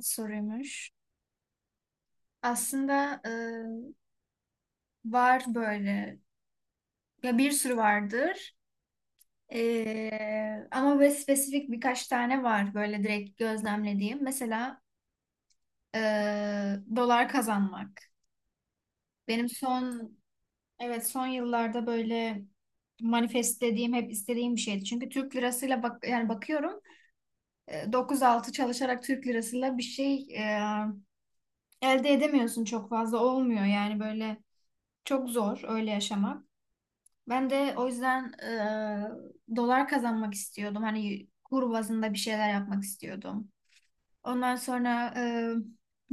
Soruymuş. Aslında var böyle. Ya bir sürü vardır. Ama böyle spesifik birkaç tane var böyle direkt gözlemlediğim. Mesela e, dolar kazanmak. Benim son, evet, son yıllarda böyle manifestlediğim hep istediğim bir şeydi. Çünkü Türk lirasıyla bak, yani bakıyorum 9-6 çalışarak Türk lirasıyla bir şey elde edemiyorsun, çok fazla olmuyor. Yani böyle çok zor öyle yaşamak. Ben de o yüzden dolar kazanmak istiyordum. Hani kur bazında bir şeyler yapmak istiyordum. Ondan sonra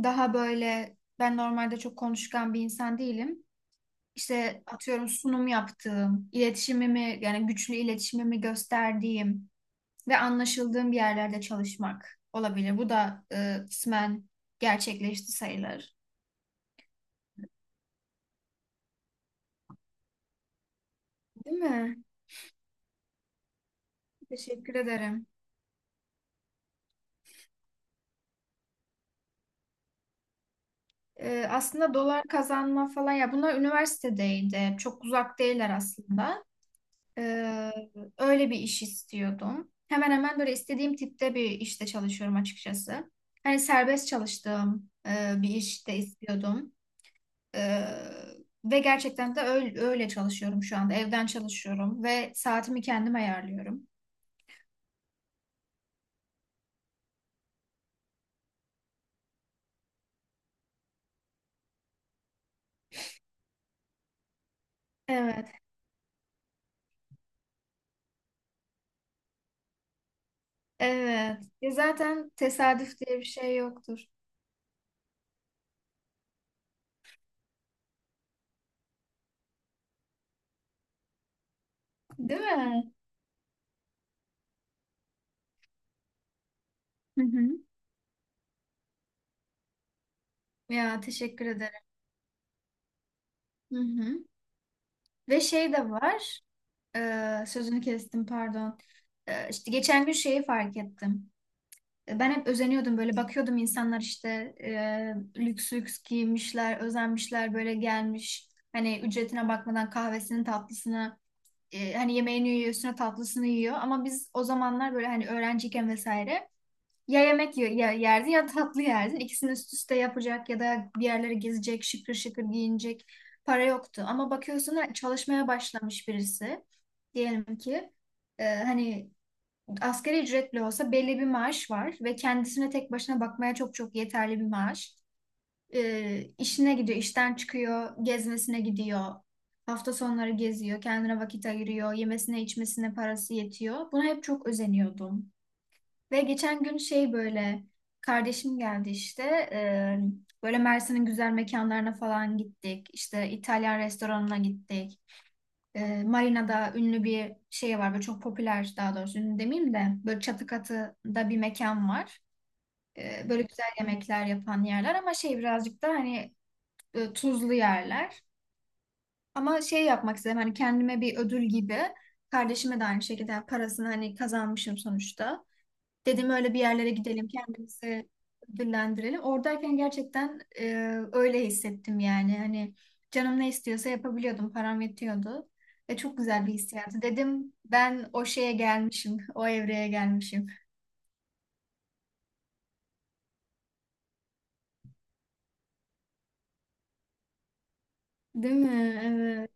daha böyle, ben normalde çok konuşkan bir insan değilim. İşte atıyorum, sunum yaptığım, iletişimimi, yani güçlü iletişimimi gösterdiğim ve anlaşıldığım bir yerlerde çalışmak olabilir. Bu da kısmen gerçekleşti sayılır. Değil mi? Teşekkür ederim. Aslında dolar kazanma falan, ya bunlar üniversitedeydi. Çok uzak değiller aslında. Ee, öyle bir iş istiyordum. Hemen hemen böyle istediğim tipte bir işte çalışıyorum açıkçası. Hani serbest çalıştığım bir işte istiyordum. Ee, ve gerçekten de öyle, öyle çalışıyorum şu anda. Evden çalışıyorum ve saatimi kendim ayarlıyorum. Evet, evet. Ya zaten tesadüf diye bir şey yoktur. Değil mi? Hı hı. Ya, teşekkür ederim. Hı hı. Ve şey de var. Sözünü kestim, pardon. E, işte geçen gün şeyi fark ettim. Ben hep özeniyordum, böyle bakıyordum insanlar işte lüks lüks giymişler, özenmişler böyle gelmiş. Hani ücretine bakmadan kahvesini, tatlısını, hani yemeğini yiyor, üstüne tatlısını yiyor. Ama biz o zamanlar böyle, hani öğrenciyken vesaire, ya yemek yerdin ya tatlı yerdin. İkisini üst üste yapacak ya da bir yerlere gezecek, şıkır şıkır giyinecek para yoktu. Ama bakıyorsun ha, çalışmaya başlamış birisi. Diyelim ki hani asgari ücretli olsa, belli bir maaş var ve kendisine tek başına bakmaya çok çok yeterli bir maaş. E, işine gidiyor, işten çıkıyor, gezmesine gidiyor. Hafta sonları geziyor, kendine vakit ayırıyor, yemesine içmesine parası yetiyor. Buna hep çok özeniyordum. Ve geçen gün şey böyle, kardeşim geldi işte, böyle Mersin'in güzel mekanlarına falan gittik. İşte İtalyan restoranına gittik. Marina'da ünlü bir şey var böyle, çok popüler, daha doğrusu ünlü demeyeyim de, böyle çatı katıda bir mekan var. Böyle güzel yemekler yapan yerler, ama şey, birazcık da hani tuzlu yerler. Ama şey yapmak istedim, hani kendime bir ödül gibi, kardeşime de aynı şekilde, yani parasını hani kazanmışım sonuçta. Dedim öyle bir yerlere gidelim, kendimizi ödüllendirelim. Oradayken gerçekten öyle hissettim yani. Hani canım ne istiyorsa yapabiliyordum, param yetiyordu. Ve çok güzel bir hissiyatı. Dedim ben o şeye gelmişim, o evreye gelmişim. Değil mi? Evet.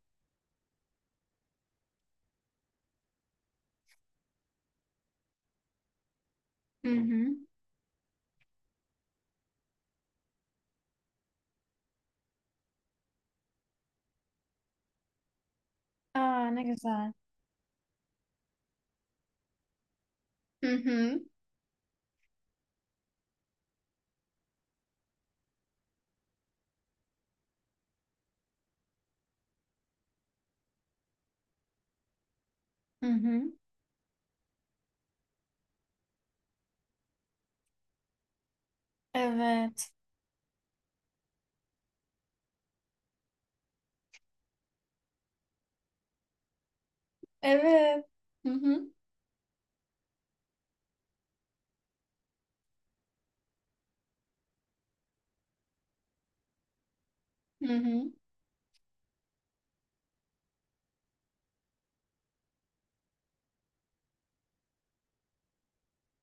Hı hı. Aa, ne güzel. Hı hı. Hı hı. Evet. Evet. Hı hı. Hı hı.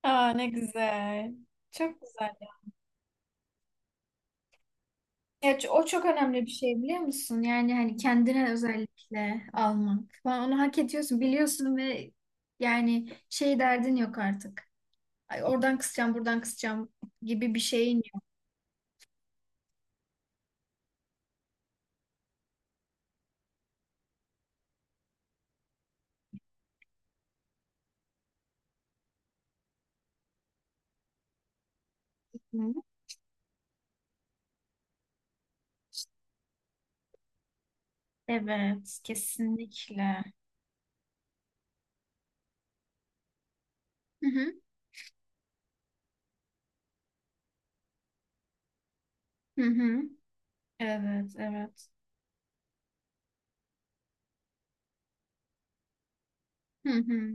Aa, ne güzel. Çok güzel. Evet, o çok önemli bir şey, biliyor musun? Yani hani kendine özellikle almak falan, onu hak ediyorsun, biliyorsun, ve yani şey derdin yok artık. Ay, oradan kısacağım, buradan kısacağım gibi bir şeyin yok. Hı. Evet, kesinlikle. Hı hı. Hı hı. Evet, evet. Hı hı.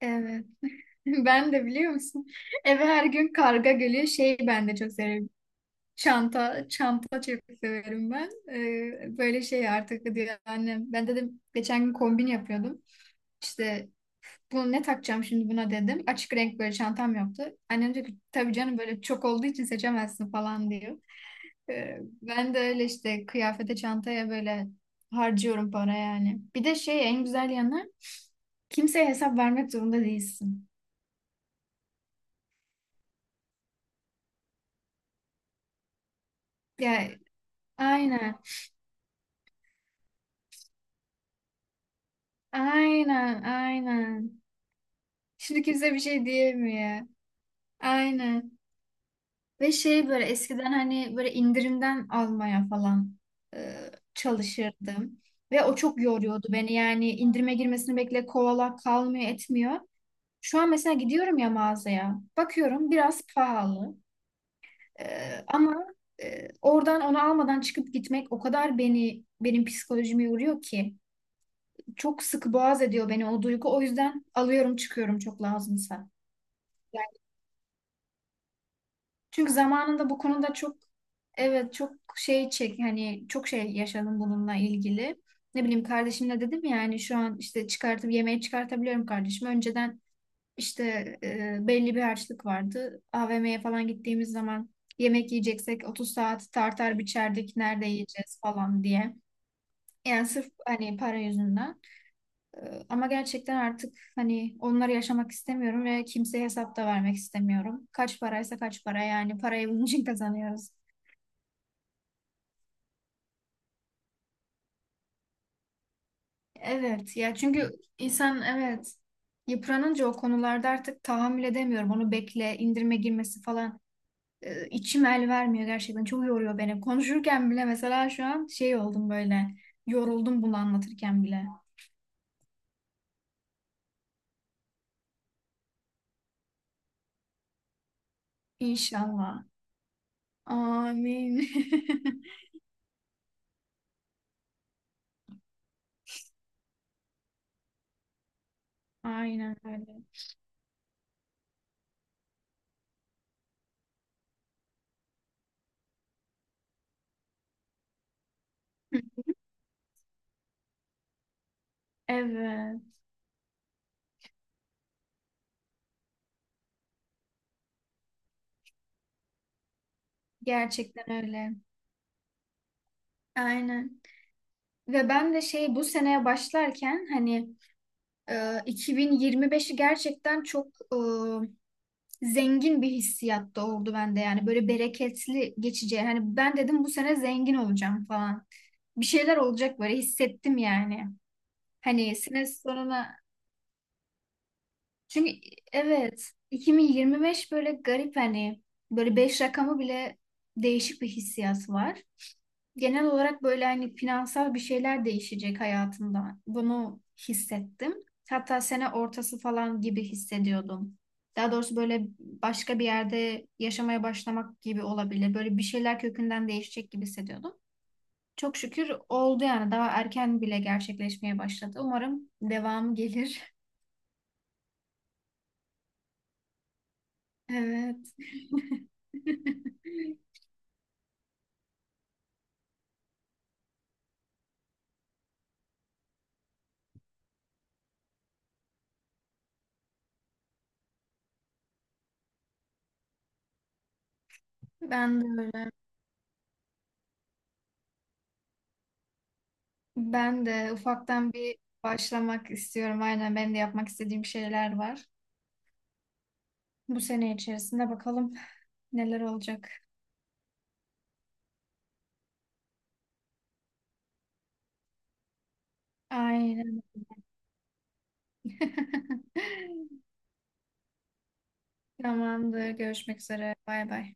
Evet. Ben de biliyor musun? Eve her gün karga geliyor. Şey, ben de çok seviyorum. Çanta, çanta çok severim ben. Böyle şey artık diyor annem. Ben dedim geçen gün kombin yapıyordum. İşte bunu ne takacağım şimdi buna, dedim. Açık renk böyle çantam yoktu. Annem diyor ki, tabii canım, böyle çok olduğu için seçemezsin falan diyor. Ben de öyle işte kıyafete, çantaya böyle harcıyorum para yani. Bir de şey, en güzel yanı, kimseye hesap vermek zorunda değilsin. Ya, aynen, aynen, aynen. Şimdi kimse bir şey diyemiyor. Aynen. Ve şey, böyle eskiden hani böyle indirimden almaya falan e, çalışırdım. Ve o çok yoruyordu beni, yani indirime girmesini bekle kovala, kalmıyor etmiyor. Şu an mesela gidiyorum ya mağazaya, bakıyorum biraz pahalı, E, ama oradan onu almadan çıkıp gitmek o kadar benim psikolojimi yoruyor ki. Çok sıkı boğaz ediyor beni o duygu, o yüzden alıyorum çıkıyorum çok lazımsa. Çünkü zamanında bu konuda çok, evet, çok şey çek, hani çok şey yaşadım bununla ilgili. Ne bileyim, kardeşimle dedim ya, hani şu an işte çıkartıp yemeği çıkartabiliyorum kardeşim. Önceden işte belli bir harçlık vardı. AVM'ye falan gittiğimiz zaman, yemek yiyeceksek 30 saat tartar biçerdik nerede yiyeceğiz falan diye. Yani sırf hani para yüzünden. E, Ama gerçekten artık hani onları yaşamak istemiyorum ve kimseye hesap da vermek istemiyorum. Kaç paraysa kaç para, yani parayı bunun için kazanıyoruz. Evet ya, çünkü insan, evet, yıpranınca o konularda artık tahammül edemiyorum. Onu bekle, indirime girmesi falan, içim el vermiyor gerçekten. Çok yoruyor beni. Konuşurken bile mesela şu an şey oldum böyle. Yoruldum bunu anlatırken bile. İnşallah. Amin. Aynen öyle. Evet, gerçekten öyle. Aynen. Ve ben de şey, bu seneye başlarken hani e, 2025'i gerçekten çok zengin bir hissiyat doğurdu bende, yani böyle bereketli geçeceği. Hani ben dedim bu sene zengin olacağım falan. Bir şeyler olacak böyle hissettim yani. Hani sene sonuna, çünkü, evet, 2025 böyle garip hani, böyle 5 rakamı bile değişik bir hissiyat var genel olarak, böyle hani finansal bir şeyler değişecek hayatımda. Bunu hissettim. Hatta sene ortası falan gibi hissediyordum. Daha doğrusu böyle başka bir yerde yaşamaya başlamak gibi olabilir. Böyle bir şeyler kökünden değişecek gibi hissediyordum. Çok şükür oldu yani, daha erken bile gerçekleşmeye başladı. Umarım devamı gelir. Evet. Ben de öyle. Ben de ufaktan bir başlamak istiyorum. Aynen, benim de yapmak istediğim şeyler var. Bu sene içerisinde bakalım neler olacak. Aynen. Tamamdır. Görüşmek üzere. Bay bay.